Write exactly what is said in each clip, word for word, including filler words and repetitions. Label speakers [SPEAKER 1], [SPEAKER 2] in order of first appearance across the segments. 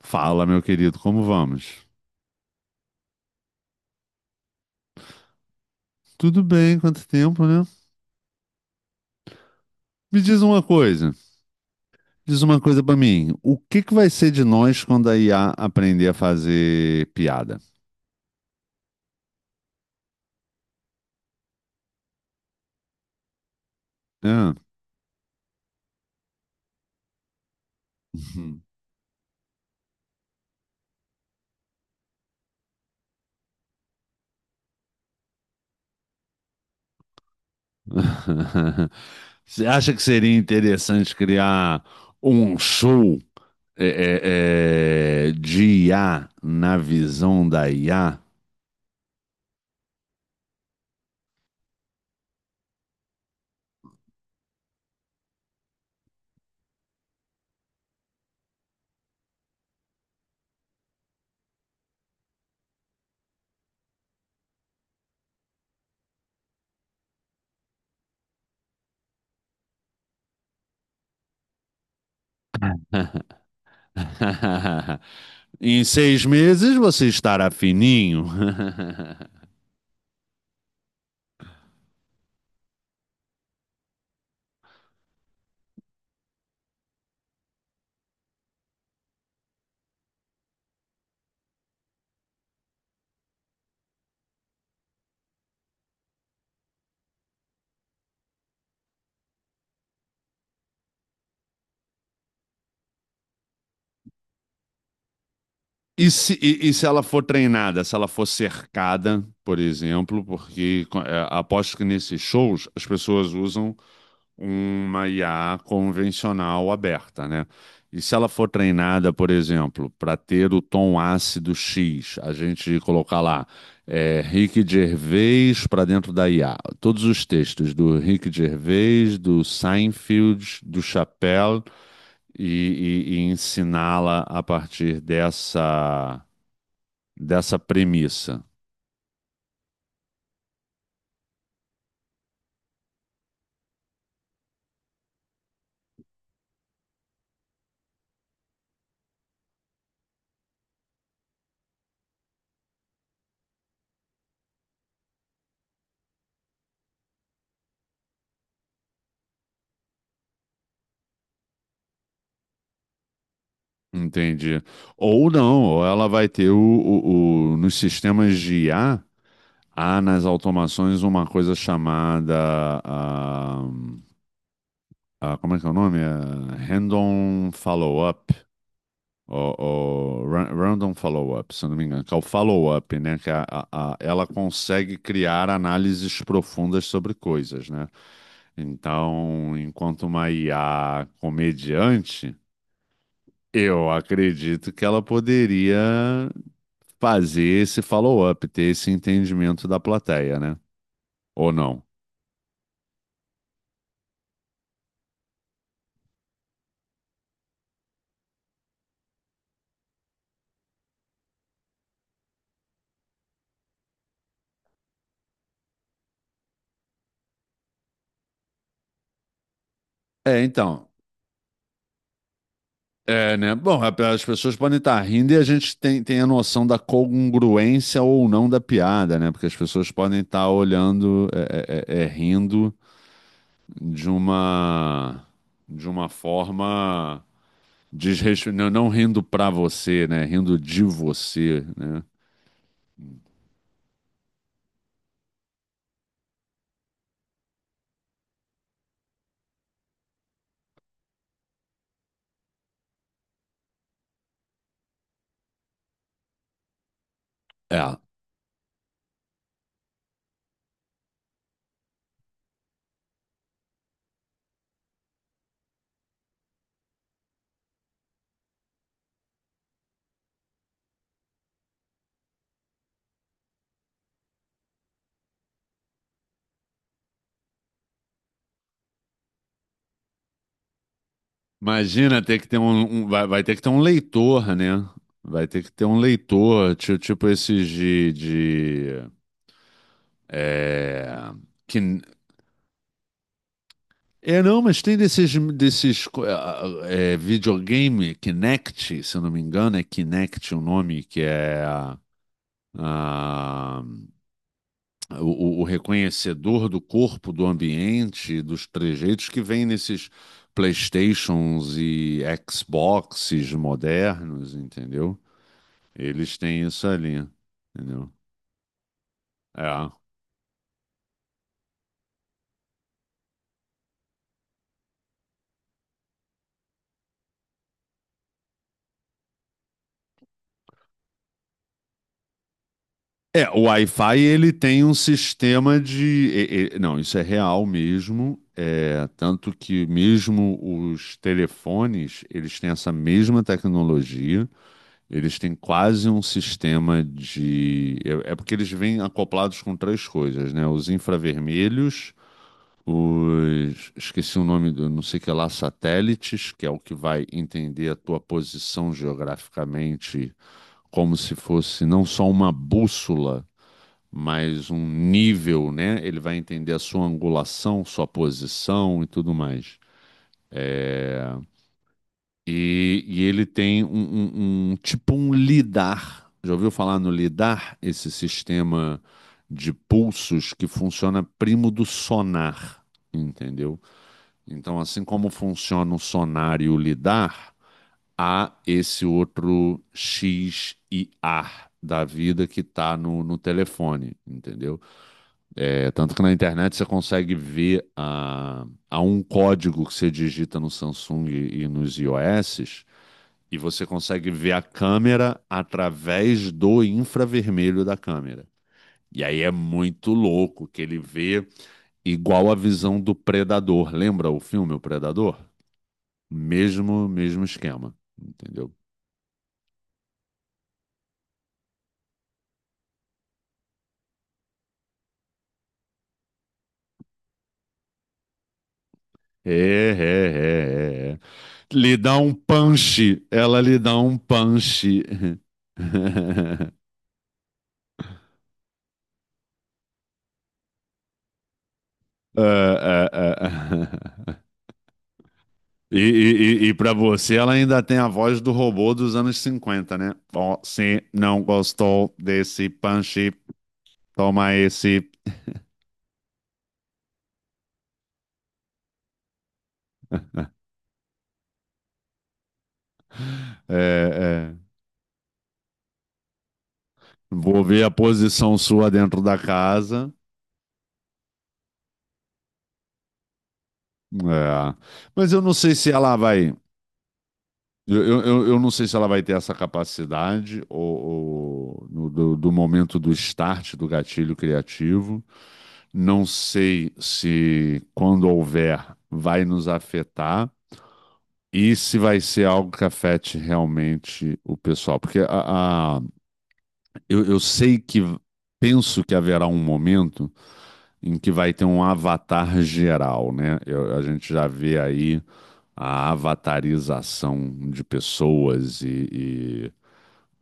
[SPEAKER 1] Fala, meu querido, como vamos? Tudo bem, quanto tempo, né? Me diz uma coisa, diz uma coisa pra mim. O que que vai ser de nós quando a I A aprender a fazer piada? Hã? Uhum. Você acha que seria interessante criar um show é, é, é, de I A na visão da I A? Em seis meses você estará fininho. E se, e, e se ela for treinada, se ela for cercada, por exemplo, porque é, aposto que nesses shows as pessoas usam uma I A convencional aberta, né? E se ela for treinada, por exemplo, para ter o tom ácido X, a gente colocar lá é, Rick Gervais para dentro da I A, todos os textos do Rick Gervais, do Seinfeld, do Chappelle, e, e, e ensiná-la a partir dessa dessa premissa. Entende? Ou não, ou ela vai ter o, o- o- nos sistemas de I A, há nas automações uma coisa chamada, ah, ah, como é que é o nome? Ah, Random Follow-up, ou, ou ra- Random Follow-up, se eu não me engano, que é o follow-up, né? Que é a- a- a- ela consegue criar análises profundas sobre coisas, né? Então, enquanto uma I A comediante eu acredito que ela poderia fazer esse follow-up, ter esse entendimento da plateia, né? Ou não? É, então. É, né? Bom, a- as pessoas podem estar rindo e a gente tem, tem a noção da congruência ou não da piada, né? Porque as pessoas podem estar olhando, é, é, é, é, rindo de uma, de uma forma desrespeitosa, não, não rindo pra você, né? Rindo de você, né? É. Imagina ter que ter um, um- vai, vai ter que ter um leitor, né? Vai ter que ter um leitor, ti- tipo, esses de, de é, que, é não, mas tem desses desses co- é, é, videogame Kinect, se eu não me engano, é Kinect o nome que é ah, o, o- o reconhecedor do corpo, do ambiente, dos trejeitos que vem nesses PlayStations e Xboxes modernos, entendeu? Eles têm isso ali, entendeu? É. É, o Wi-Fi ele tem um sistema de. E- e- não, isso é real mesmo. É, tanto que mesmo os telefones, eles têm essa mesma tecnologia. Eles têm quase um sistema de. É, é porque eles vêm acoplados com três coisas, né? Os infravermelhos, os. Esqueci o nome do não sei o que lá, satélites, que é o que vai entender a tua posição geograficamente como se fosse não só uma bússola, mas um nível, né? Ele vai entender a sua angulação, sua posição e tudo mais. E, e ele tem um, um, um tipo um lidar. Já ouviu falar no lidar? Esse sistema de pulsos que funciona primo do sonar, entendeu? Então, assim como funciona o sonar e o lidar, há esse outro X e A da vida que tá no, no telefone, entendeu? É, tanto que na internet você consegue ver a, a um código que você digita no Samsung e nos iOS, e você consegue ver a câmera através do infravermelho da câmera. E aí é muito louco que ele vê igual a visão do Predador. Lembra o filme O Predador? Mesmo, mesmo esquema, entendeu? É, é, é, é. é. Lhe dá um punch, ela lhe dá um punch. Ah, ah, ah. E, e, e, e para você, ela ainda tem a voz do robô dos anos cinquenta, né? Você não gostou desse punch, toma esse. É, é. Vou ver a posição sua dentro da casa. É. Mas eu não sei se ela vai. Eu, eu, eu eu não sei se ela vai ter essa capacidade ou, ou no- do, do momento do start do gatilho criativo. Não sei se, quando houver, vai nos afetar e se vai ser algo que afete realmente o pessoal. Porque a, a- eu, eu sei que, penso que haverá um momento em que vai ter um avatar geral, né? Eu- a gente já vê aí a avatarização de pessoas e... e-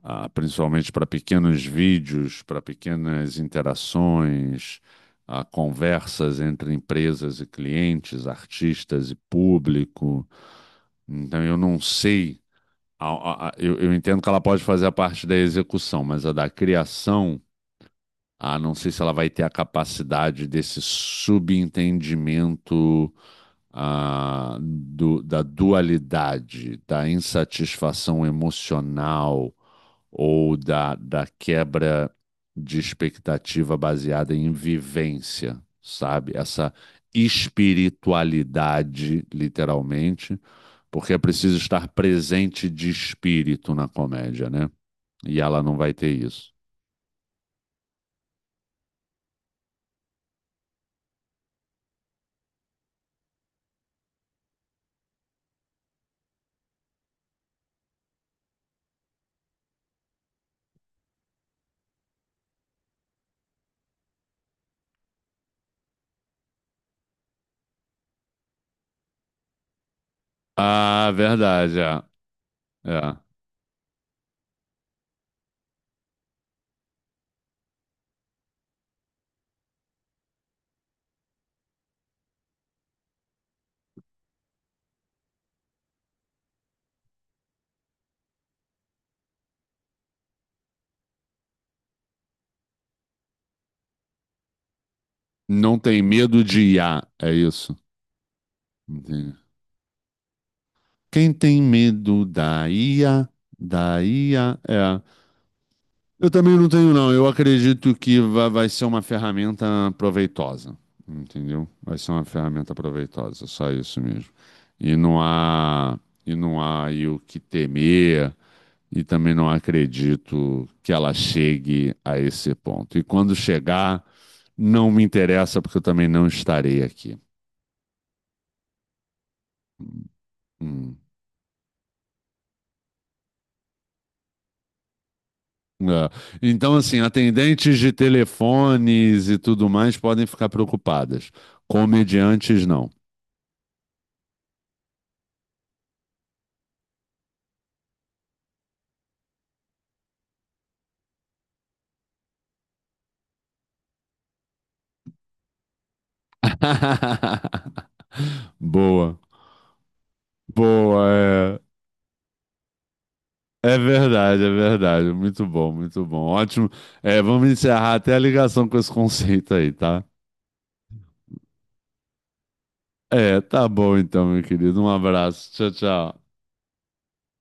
[SPEAKER 1] ah, principalmente para pequenos vídeos, para pequenas interações, ah, conversas entre empresas e clientes, artistas e público. Então, eu não sei, a- a- a- eu, eu entendo que ela pode fazer a parte da execução, mas a da criação, ah, não sei se ela vai ter a capacidade desse subentendimento. Ah, do- da dualidade, da insatisfação emocional, ou da, da quebra de expectativa baseada em vivência, sabe? Essa espiritualidade, literalmente, porque é preciso estar presente de espírito na comédia, né? E ela não vai ter isso. Ah, verdade, é. É. Não tem medo de I A, é isso. Entendi. Quem tem medo da I A, da I A, é. Eu também não tenho, não. Eu acredito que va- vai ser uma ferramenta proveitosa, entendeu? Vai ser uma ferramenta proveitosa, só isso mesmo. E não há, e não há aí o que temer, e também não acredito que ela chegue a esse ponto. E quando chegar, não me interessa, porque eu também não estarei aqui. Hum. É. Então, assim, atendentes de telefones e tudo mais podem ficar preocupadas. Comediantes, não. Boa, boa, é, é verdade, é verdade, muito bom, muito bom, ótimo. É, vamos encerrar até a ligação com esse conceito aí, tá? É, tá bom então, meu querido, um abraço, tchau, tchau.